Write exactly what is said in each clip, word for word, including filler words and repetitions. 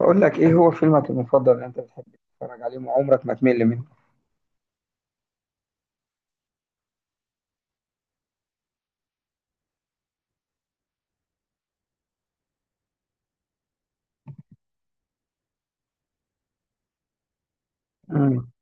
بقول لك ايه هو فيلمك المفضل اللي انت بتحب تتفرج عليه وعمرك ما تمل منه؟ مم.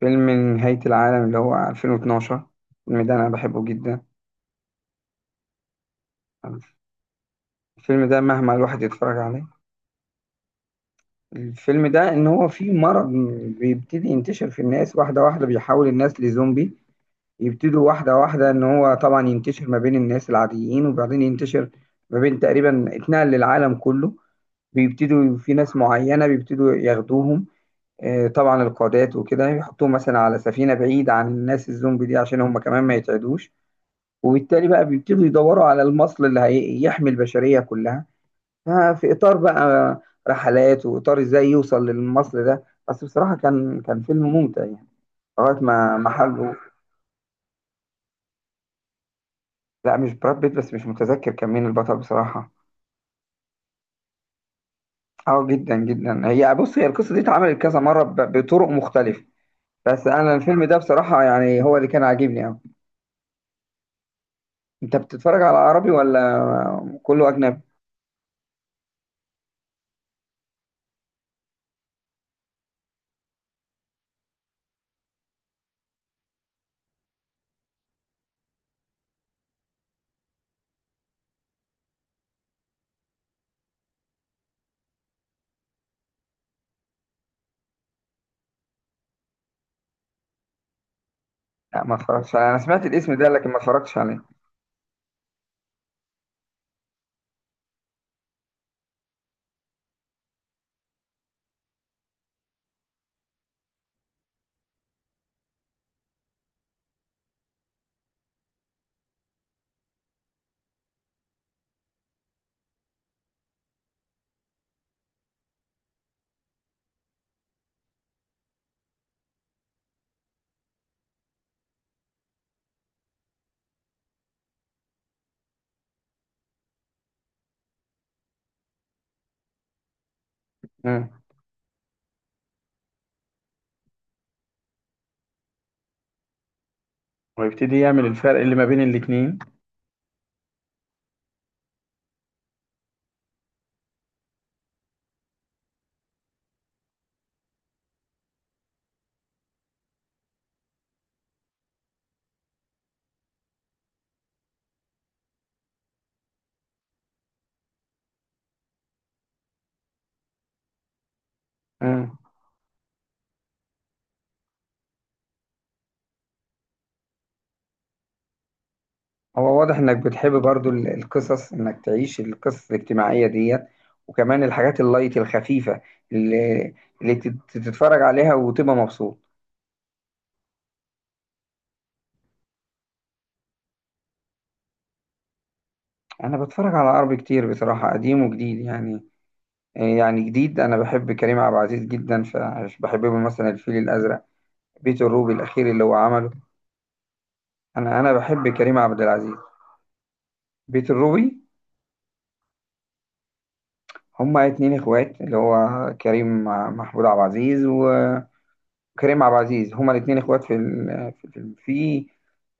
فيلم نهاية العالم اللي هو ألفين واتناشر. الفيلم ده انا بحبه جدا. الفيلم ده مهما الواحد يتفرج عليه، الفيلم ده ان هو فيه مرض بيبتدي ينتشر في الناس واحدة واحدة، بيحول الناس لزومبي. يبتدوا واحدة واحدة، ان هو طبعا ينتشر ما بين الناس العاديين، وبعدين ينتشر ما بين تقريبا، اتنقل للعالم كله. بيبتدوا في ناس معينة بيبتدوا ياخدوهم، آه، طبعا القادات وكده يحطوهم مثلا على سفينة بعيدة عن الناس الزومبي دي، عشان هم كمان ما يتعدوش. وبالتالي بقى بيبتدوا يدوروا على المصل اللي هيحمي البشرية كلها. ففي إطار بقى رحلات، وإطار إزاي يوصل للمصل ده. بس بصراحة كان كان فيلم ممتع يعني، لغاية ما محله. لا، مش براد بيت، بس مش متذكر كان مين البطل بصراحة. اه، جدا جدا. هي بص، هي القصة دي اتعملت كذا مرة ب- بطرق مختلفة. بس أنا الفيلم ده بصراحة يعني هو اللي كان عاجبني أوي. انت بتتفرج على عربي ولا كله اجنبي؟ لا، ما اتفرجش عليه. انا سمعت الاسم ده، لكن ما اتفرجتش عليه. امم ويبتدي يعمل الفرق اللي ما بين الاتنين. امم هو واضح انك بتحب برضو ال- القصص، انك تعيش القصص الاجتماعية ديت، وكمان الحاجات اللايت الخفيفة اللي اللي تت- تتفرج عليها وتبقى مبسوط. انا بتفرج على عربي كتير بصراحة، قديم وجديد يعني. آه، يعني جديد انا بحب كريم عبد العزيز جدا، فبحب له مثلا الفيل الازرق، بيت الروبي الاخير اللي هو عمله. انا انا بحب كريم عبد العزيز. بيت الروبي: هما اتنين اخوات، اللي هو كريم مع محمود عبد العزيز، وكريم عبد العزيز هما الاتنين اخوات في ال- في في- في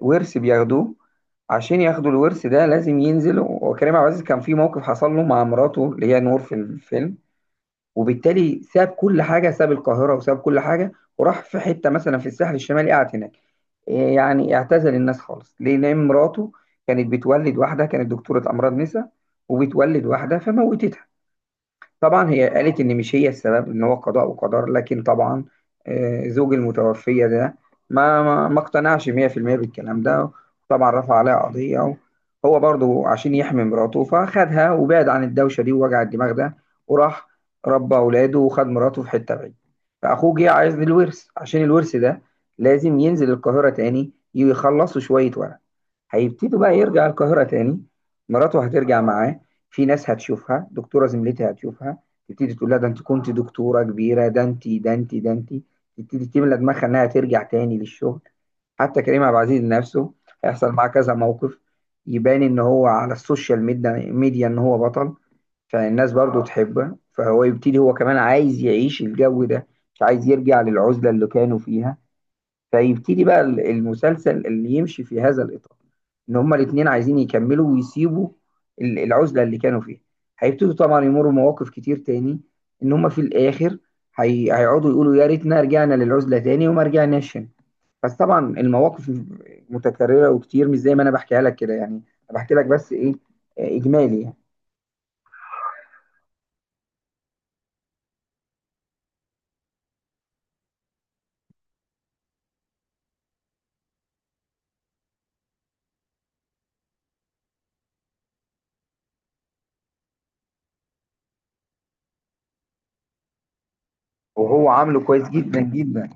ورث بياخدوه. عشان ياخدوا الورث ده لازم ينزلوا، وكريم عبد العزيز كان في موقف حصل له مع مراته اللي هي نور في الفيلم. وبالتالي ساب كل حاجه، ساب القاهره وساب كل حاجه، وراح في حته مثلا في الساحل الشمالي، قعد هناك. إيه يعني، اعتزل الناس خالص. ليه؟ لان مراته كانت بتولد واحده، كانت دكتوره امراض نساء، وبتولد واحده فموتتها. طبعا هي قالت ان مش هي السبب، ان هو قضاء وقدر، لكن طبعا آه، زوج المتوفية ده ما ما ما اقتنعش مية في المية بالكلام ده. طبعا رفع عليها قضية. هو برضو عشان يحمي مراته فخدها وبعد عن الدوشة دي ووجع الدماغ ده، وراح ربى اولاده، وخد مراته في حتة بعيدة. فاخوه جه عايز الورث، عشان الورث ده لازم ينزل القاهرة تاني يخلصوا شوية ورق. هيبتدوا بقى يرجع القاهرة تاني. مراته هترجع معاه. في ناس هتشوفها، دكتوره زميلتي هتشوفها، تبتدي تقول لها: ده انت كنت دكتوره كبيره، ده انت، ده انت، ده انت. تبتدي تملى دماغها انها ترجع تاني للشغل. حتى كريم عبد العزيز نفسه هيحصل معاه كذا موقف، يبان ان هو على السوشيال ميديا ميديا ان هو بطل. فالناس برضو تحبه، فهو يبتدي هو كمان عايز يعيش الجو ده، مش عايز يرجع للعزله اللي كانوا فيها. فيبتدي بقى ال- المسلسل اللي يمشي في هذا الإطار، إن هما الاتنين عايزين يكملوا ويسيبوا ال- العزلة اللي كانوا فيها. هيبتدوا طبعا يمروا مواقف كتير تاني، إن هما في الآخر هي... هيقعدوا يقولوا: يا ريتنا رجعنا للعزلة تاني وما رجعناش هنا. بس طبعا المواقف متكررة وكتير، مش زي ما أنا بحكيها لك كده يعني. أنا بحكي لك بس إيه، آه، إجمالي يعني. وهو عامله كويس جدا جدا.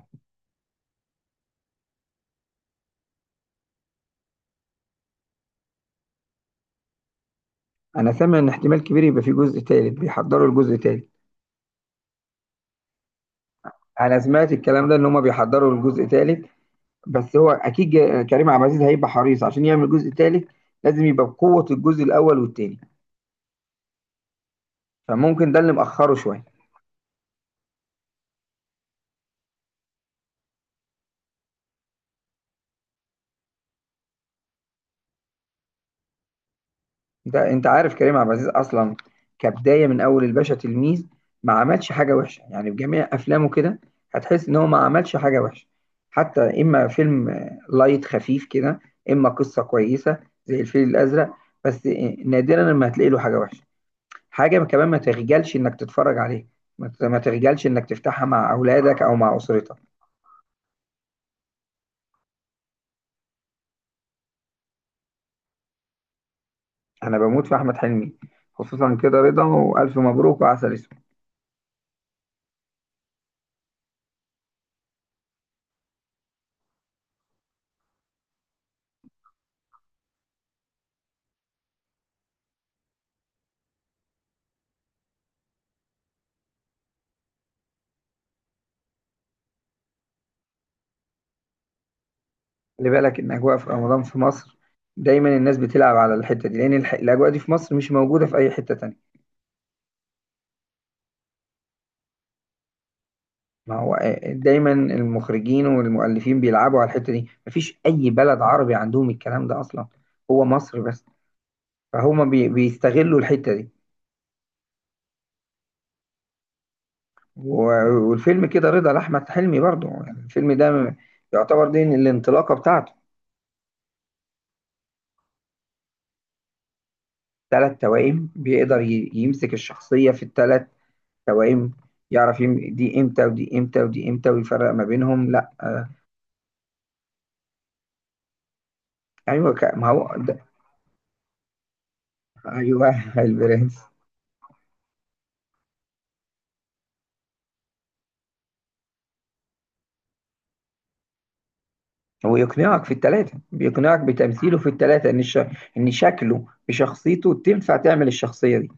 أنا سامع إن احتمال كبير يبقى في جزء تالت، بيحضروا الجزء التالت. أنا سمعت الكلام ده، إن هما بيحضروا الجزء التالت. بس هو اكيد، جا- كريم عبد العزيز هيبقى حريص عشان يعمل جزء تالت، لازم يبقى بقوة الجزء الاول والتاني. فممكن ده اللي مأخره شوية. انت انت عارف كريم عبد العزيز اصلا، كبداية من اول الباشا تلميذ، ما عملش حاجة وحشة يعني. بجميع افلامه كده هتحس ان هو ما عملش حاجة وحشة. حتى اما فيلم آه، لايت خفيف كده، اما قصة كويسة زي الفيل الازرق. بس آه، نادرا لما هتلاقي له حاجة وحشة. حاجة كمان، ما تخجلش انك تتفرج عليه، ما ت- ما تخجلش انك تفتحها مع اولادك او مع اسرتك. انا بموت في احمد حلمي، خصوصا كده رضا، والف مبروك، وعسل اسود. خلي بالك ان اجواء في رمضان في مصر، دايما الناس بتلعب على الحته دي، لان الح... الاجواء دي في مصر مش موجوده في اي حته تانية. ما هو آه، دايما المخرجين والمؤلفين بيلعبوا على الحته دي. مفيش اي بلد عربي عندهم الكلام ده اصلا، هو مصر بس. فهما بي... بيستغلوا الحته دي. و... والفيلم كده رضا لاحمد حلمي برضه، يعني الفيلم ده م- يعتبر دي الانطلاقه بتاعته. ثلاث توائم بيقدر ي... يمسك الشخصيه في الثلاث توائم. يعرف يم- دي امتى ودي امتى ودي امتى، ويفرق ما بينهم، لا. ايوه، ك- ما هو ده. ايوه البرنس. هو يقنعك في الثلاثه، بيقنعك بتمثيله في الثلاثه ان الش... ان شكله بشخصيته تنفع تعمل الشخصيه دي.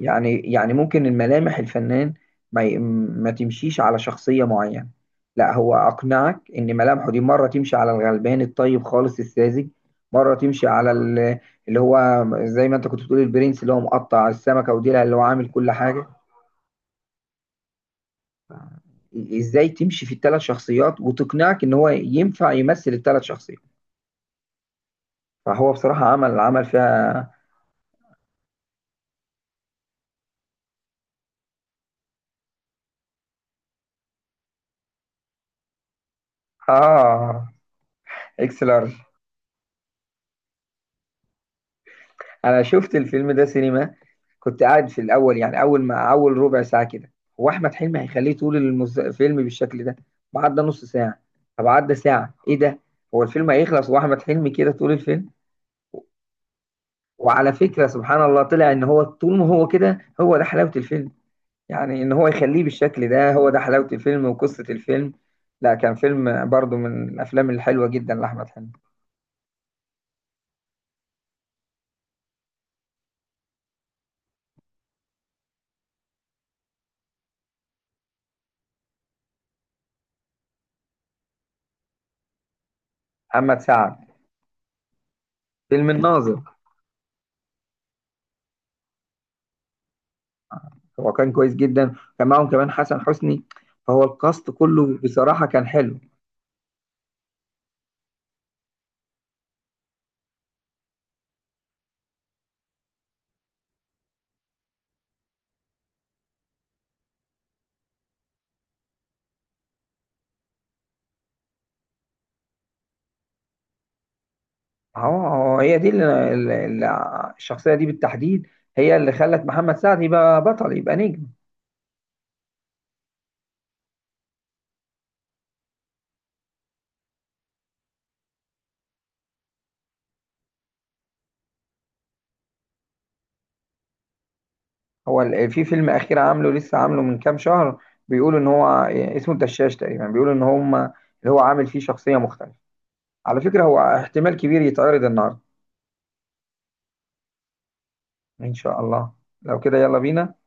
يعني يعني ممكن الملامح، الفنان ما ي- ما تمشيش على شخصية معينة. لا، هو أقنعك إن ملامحه دي مرة تمشي على الغلبان الطيب خالص الساذج، مرة تمشي على ال- اللي هو زي ما أنت كنت بتقول، البرنس اللي هو مقطع السمكة وديلها، اللي هو عامل كل حاجة. إزاي تمشي في الثلاث شخصيات، وتقنعك إن هو ينفع يمثل الثلاث شخصيات. فهو بصراحة عمل عمل فيها. آه، إكس لارج. أنا شفت الفيلم ده سينما. كنت قاعد في الاول، يعني اول ما، اول ربع ساعه كده، هو احمد حلمي هيخليه طول المز... الفيلم بالشكل ده؟ طب عدى نص ساعه، طب عدى ساعه، ايه ده؟ هو الفيلم هيخلص واحمد حلمي كده طول الفيلم؟ وعلى فكره، سبحان الله، طلع ان هو طول ما هو كده، هو ده حلاوه الفيلم. يعني ان هو يخليه بالشكل ده، هو ده حلاوه الفيلم وقصه الفيلم. لا، كان فيلم برضو من الافلام الحلوه جدا لاحمد حلمي. محمد سعد. فيلم الناظر. هو كان كويس جدا، كان معاهم كمان حسن حسني، فهو الكاست كله بصراحه كان حلو. هو هو هي دي اللي اللي- اللي- الشخصية دي بالتحديد، هي اللي خلت محمد سعد يبقى بطل، يبقى نجم. هو ال- في فيلم أخير عامله لسه، عامله من كام شهر، بيقولوا إن هو اسمه الدشاش تقريبا، بيقولوا إن هم اللي هو عامل فيه شخصية مختلفة. على فكرة، هو احتمال كبير يتعرض النهاردة. إن شاء الله. لو كده يلا بينا.